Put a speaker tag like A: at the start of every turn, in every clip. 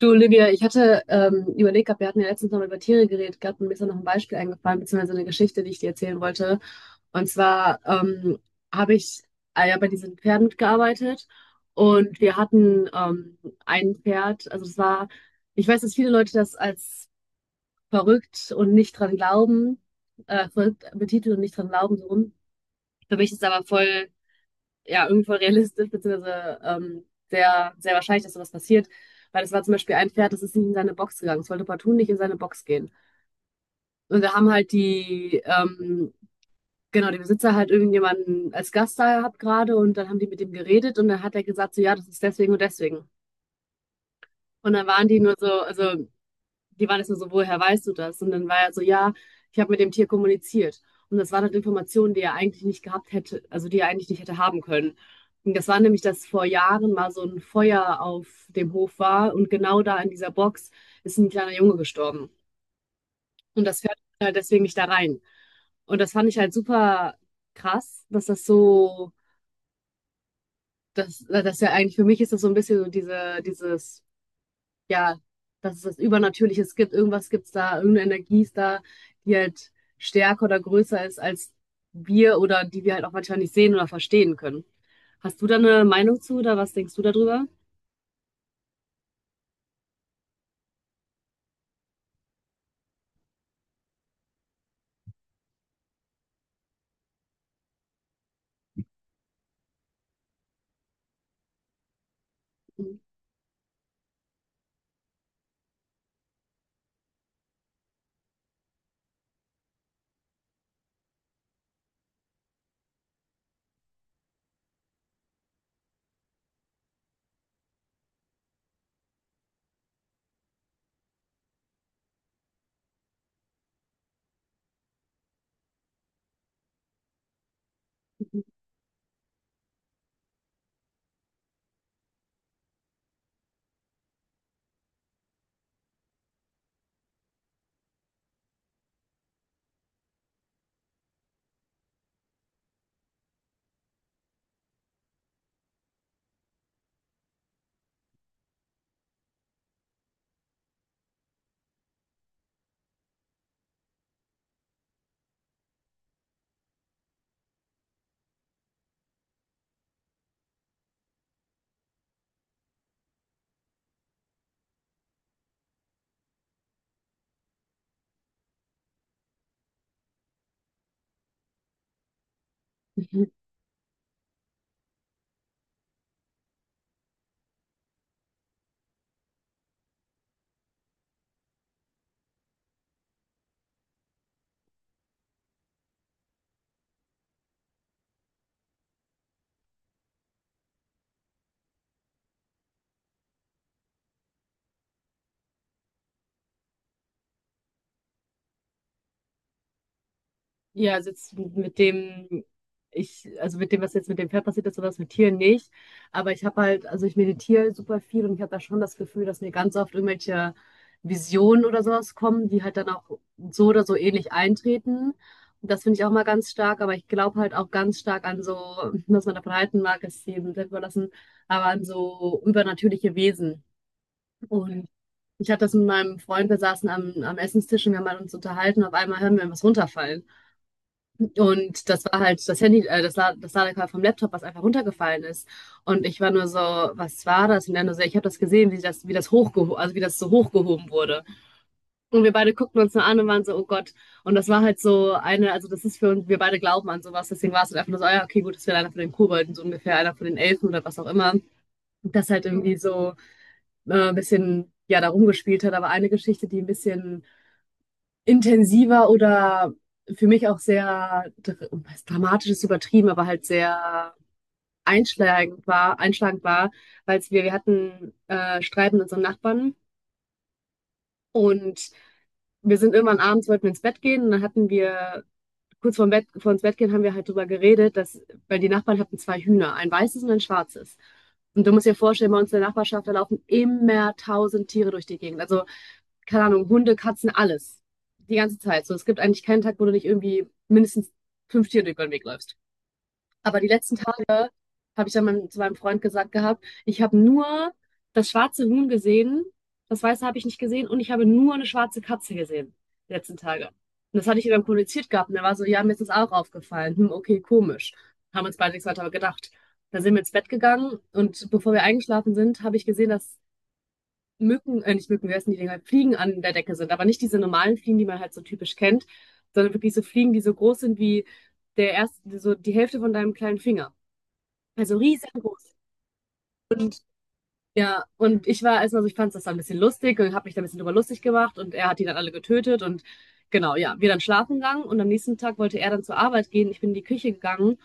A: Du, Olivia, ich hatte überlegt gehabt. Wir hatten ja letztens noch mal über Tiere geredet gehabt und mir ist dann noch ein Beispiel eingefallen, beziehungsweise eine Geschichte, die ich dir erzählen wollte. Und zwar habe ich ja bei diesen Pferden mitgearbeitet und wir hatten ein Pferd. Also das war, ich weiß, dass viele Leute das als verrückt und nicht dran glauben, verrückt betiteln und nicht dran glauben, so rum. Für mich ist es aber voll, ja, irgendwo realistisch, beziehungsweise sehr, sehr wahrscheinlich, dass sowas passiert. Weil es war zum Beispiel ein Pferd, das ist nicht in seine Box gegangen. Es wollte partout nicht in seine Box gehen. Und wir haben halt genau, die Besitzer halt irgendjemanden als Gast da gehabt gerade, und dann haben die mit ihm geredet und dann hat er gesagt, so ja, das ist deswegen und deswegen. Und dann waren die nur so, also die waren jetzt nur so, woher weißt du das? Und dann war er so, ja, ich habe mit dem Tier kommuniziert. Und das waren halt Informationen, die er eigentlich nicht gehabt hätte, also die er eigentlich nicht hätte haben können. Und das war nämlich, dass vor Jahren mal so ein Feuer auf dem Hof war und genau da in dieser Box ist ein kleiner Junge gestorben. Und das fährt halt deswegen nicht da rein. Und das fand ich halt super krass, dass das so, dass, dass ja, eigentlich für mich ist das so ein bisschen so dieses ja, dass es das Übernatürliches gibt. Irgendwas gibt's da, irgendeine Energie ist da, die halt stärker oder größer ist als wir oder die wir halt auch manchmal nicht sehen oder verstehen können. Hast du da eine Meinung zu oder was denkst du darüber? Mhm. Ja, also jetzt mit dem, ich, also mit dem, was jetzt mit dem Pferd passiert ist oder was mit Tieren, nicht. Aber ich habe halt, also ich meditiere super viel und ich habe da schon das Gefühl, dass mir ganz oft irgendwelche Visionen oder sowas kommen, die halt dann auch so oder so ähnlich eintreten. Und das finde ich auch mal ganz stark, aber ich glaube halt auch ganz stark an so, was man davon halten mag, ist jedem selbst überlassen, aber an so übernatürliche Wesen. Und ich hatte das mit meinem Freund, wir saßen am Essenstisch und wir haben halt uns unterhalten, auf einmal hören wir was runterfallen. Und das war halt das Handy, das, La- das Ladekabel vom Laptop, was einfach runtergefallen ist. Und ich war nur so, was war das? Und er nur so, ich habe das gesehen, wie das hochgehoben, also wie das so hochgehoben wurde. Und wir beide guckten uns nur an und waren so, oh Gott. Und das war halt so eine, also das ist für uns, wir beide glauben an sowas, deswegen war es halt einfach nur so, ah ja, okay, gut, das wäre einer von den Kobolden, so ungefähr, einer von den Elfen oder was auch immer. Das halt irgendwie so ein bisschen, ja, da rumgespielt hat. Aber eine Geschichte, die ein bisschen intensiver oder für mich auch dramatisch ist, übertrieben, aber halt sehr einschlagend war, weil wir hatten Streit mit unserem Nachbarn und wir sind irgendwann abends, wollten wir ins Bett gehen, und dann hatten wir kurz vorm Bett, vor ins Bett gehen, haben wir halt drüber geredet, dass, weil die Nachbarn hatten zwei Hühner, ein weißes und ein schwarzes. Und du musst dir vorstellen, bei uns in der Nachbarschaft, da laufen immer tausend Tiere durch die Gegend. Also, keine Ahnung, Hunde, Katzen, alles. Die ganze Zeit. So, es gibt eigentlich keinen Tag, wo du nicht irgendwie mindestens fünf Tiere über den Weg läufst. Aber die letzten Tage habe ich dann mein, zu meinem Freund gesagt gehabt, ich habe nur das schwarze Huhn gesehen, das weiße habe ich nicht gesehen und ich habe nur eine schwarze Katze gesehen, die letzten Tage. Und das hatte ich ihm dann kommuniziert gehabt und er war so, ja, mir ist das auch aufgefallen. Hm, okay, komisch. Haben uns beide nichts weiter gedacht. Da sind wir ins Bett gegangen und bevor wir eingeschlafen sind, habe ich gesehen, dass nicht Mücken, wie heißen die Dinger, Fliegen an der Decke sind, aber nicht diese normalen Fliegen, die man halt so typisch kennt, sondern wirklich so Fliegen, die so groß sind wie so die Hälfte von deinem kleinen Finger. Also riesengroß. Und ja, und ich war erstmal so, ich fand das dann ein bisschen lustig und habe mich da ein bisschen drüber lustig gemacht und er hat die dann alle getötet und genau, ja, wir dann schlafen gegangen und am nächsten Tag wollte er dann zur Arbeit gehen. Ich bin in die Küche gegangen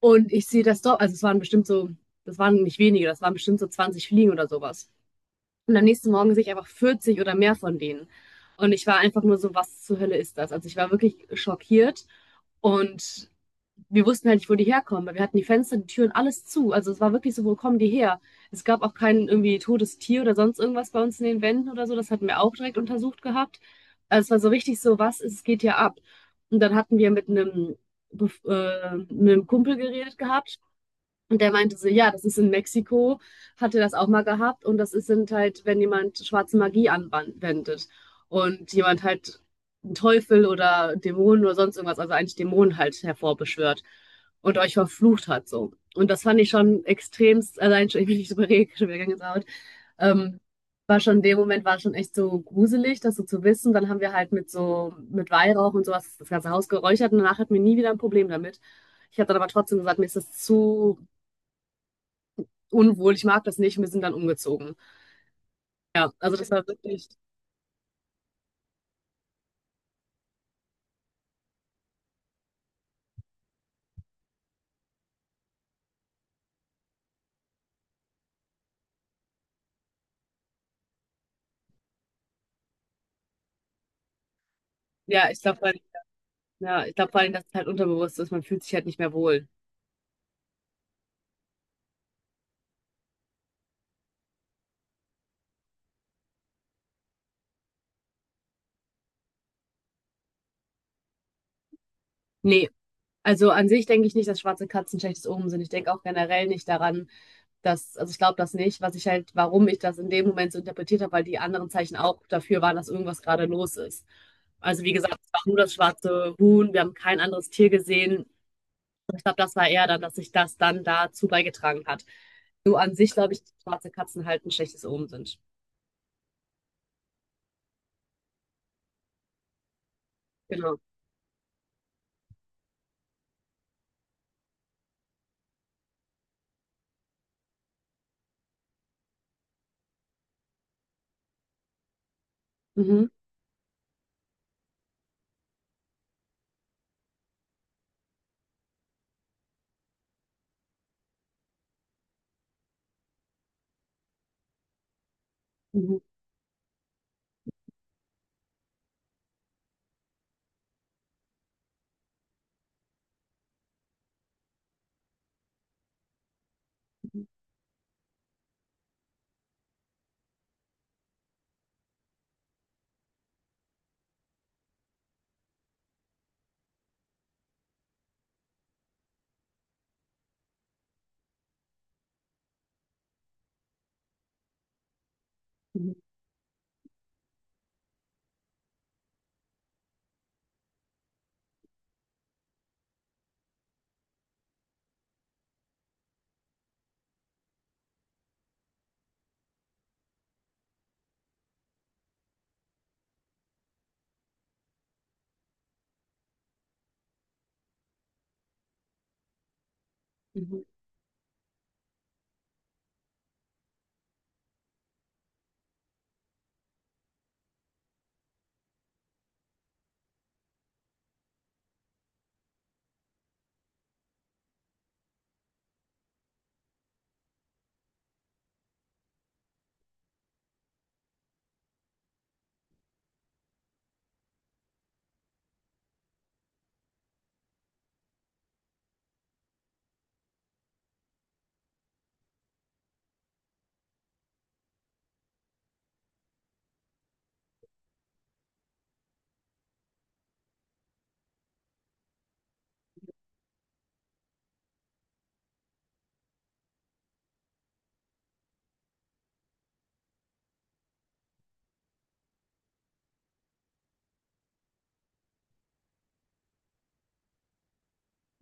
A: und ich sehe das doch, also es waren bestimmt so, das waren nicht wenige, das waren bestimmt so 20 Fliegen oder sowas. Und am nächsten Morgen sehe ich einfach 40 oder mehr von denen. Und ich war einfach nur so, was zur Hölle ist das? Also ich war wirklich schockiert und wir wussten halt nicht, wo die herkommen, weil wir hatten die Fenster, die Türen, alles zu. Also es war wirklich so, wo kommen die her? Es gab auch kein irgendwie totes Tier oder sonst irgendwas bei uns in den Wänden oder so. Das hatten wir auch direkt untersucht gehabt. Also es war so richtig so, was ist, es geht hier ab? Und dann hatten wir mit mit einem Kumpel geredet gehabt. Und der meinte so, ja, das ist in Mexiko, hatte das auch mal gehabt, und das ist sind halt, wenn jemand schwarze Magie anwendet und jemand halt einen Teufel oder Dämonen oder sonst irgendwas, also eigentlich Dämonen halt hervorbeschwört und euch verflucht hat so. Und das fand ich schon extremst, allein schon, ich bin nicht drüber reden, schon wieder Gänsehaut. Ähm, war schon in dem Moment, war schon echt so gruselig, das so zu wissen. Dann haben wir halt mit so, mit Weihrauch und sowas das ganze Haus geräuchert und danach hatten wir nie wieder ein Problem damit. Ich habe dann aber trotzdem gesagt, mir ist das zu unwohl, ich mag das nicht, und wir sind dann umgezogen. Ja, also das war wirklich, ja, ich glaube, ja, ich glaube vor allem, dass es halt unterbewusst ist, man fühlt sich halt nicht mehr wohl. Nee, also an sich denke ich nicht, dass schwarze Katzen schlechtes Omen sind. Ich denke auch generell nicht daran, dass, also ich glaube das nicht, was ich halt, warum ich das in dem Moment so interpretiert habe, weil die anderen Zeichen auch dafür waren, dass irgendwas gerade los ist. Also wie gesagt, es war nur das schwarze Huhn, wir haben kein anderes Tier gesehen. Ich glaube, das war eher dann, dass sich das dann dazu beigetragen hat. So an sich glaube ich, dass schwarze Katzen halt ein schlechtes Omen sind. Genau. Mhm. Mhm. Mhm. Mhm.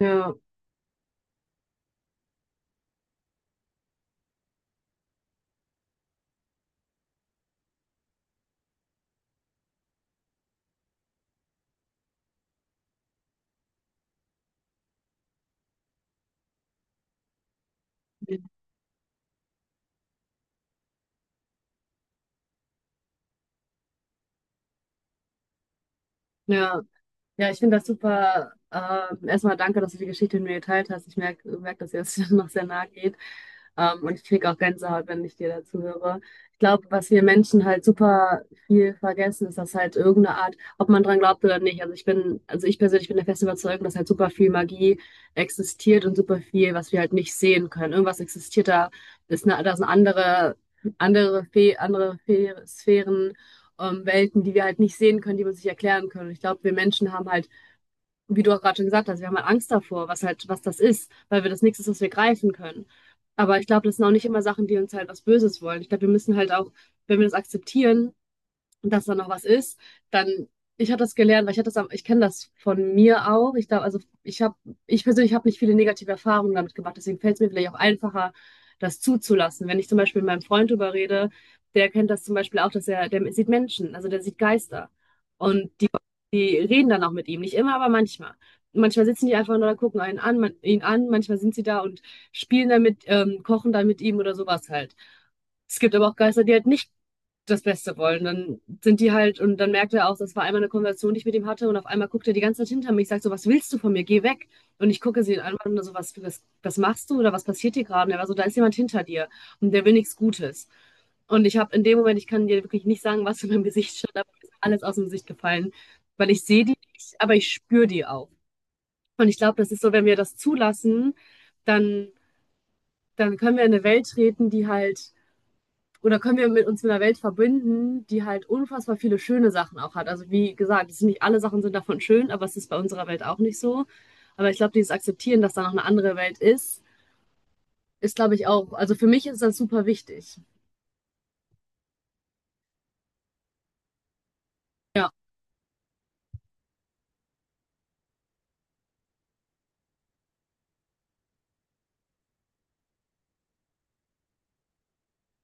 A: Ja. Ja. Ja, ich finde das super. Erstmal danke, dass du die Geschichte mit mir geteilt hast. Ich merke, merk, merk, dass ihr es noch sehr nahe geht. Und ich kriege auch Gänsehaut, wenn ich dir dazu höre. Ich glaube, was wir Menschen halt super viel vergessen, ist, dass halt irgendeine Art, ob man dran glaubt oder nicht. Also ich bin, also ich persönlich bin der festen Überzeugung, dass halt super viel Magie existiert und super viel, was wir halt nicht sehen können. Irgendwas existiert da, ist eine, da sind andere, andere Fe Sphären, Welten, die wir halt nicht sehen können, die wir uns nicht erklären können. Ich glaube, wir Menschen haben halt, wie du auch gerade schon gesagt hast, wir haben halt Angst davor, was halt, was das ist, weil wir das nichts ist, was wir greifen können. Aber ich glaube, das sind auch nicht immer Sachen, die uns halt was Böses wollen. Ich glaube, wir müssen halt auch, wenn wir das akzeptieren, und dass da noch was ist, dann, ich habe das gelernt, weil ich hatte das, ich kenne das von mir auch. Ich glaube, also ich habe, ich persönlich habe nicht viele negative Erfahrungen damit gemacht, deswegen fällt es mir vielleicht auch einfacher, das zuzulassen. Wenn ich zum Beispiel mit meinem Freund drüber rede, der kennt das zum Beispiel auch, dass er, der sieht Menschen, also der sieht Geister. Und die reden dann auch mit ihm, nicht immer, aber manchmal. Manchmal sitzen die einfach nur da, gucken ihn an, manchmal sind sie da und spielen damit, kochen dann mit ihm oder sowas halt. Es gibt aber auch Geister, die halt nicht das Beste wollen. Dann sind die halt, und dann merkt er auch, das war einmal eine Konversation, die ich mit ihm hatte, und auf einmal guckt er die ganze Zeit hinter mich, sagt so, was willst du von mir? Geh weg. Und ich gucke sie an und so, was machst du oder was passiert dir gerade? Und er war so, da ist jemand hinter dir und der will nichts Gutes. Und ich habe in dem Moment, ich kann dir wirklich nicht sagen, was in meinem Gesicht stand, aber mir ist alles aus dem Gesicht gefallen, weil ich sehe die nicht, aber ich spüre die auch. Und ich glaube, das ist so, wenn wir das zulassen, dann, dann können wir in eine Welt treten, die halt, oder können wir mit uns mit einer Welt verbinden, die halt unfassbar viele schöne Sachen auch hat. Also wie gesagt, es sind nicht alle Sachen sind davon schön, aber es ist bei unserer Welt auch nicht so. Aber ich glaube, dieses Akzeptieren, dass da noch eine andere Welt ist, ist, glaube ich, auch, also für mich ist das super wichtig. Ja,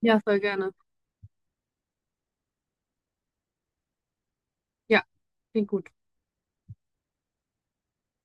A: ja, voll gerne. Ja, klingt gut.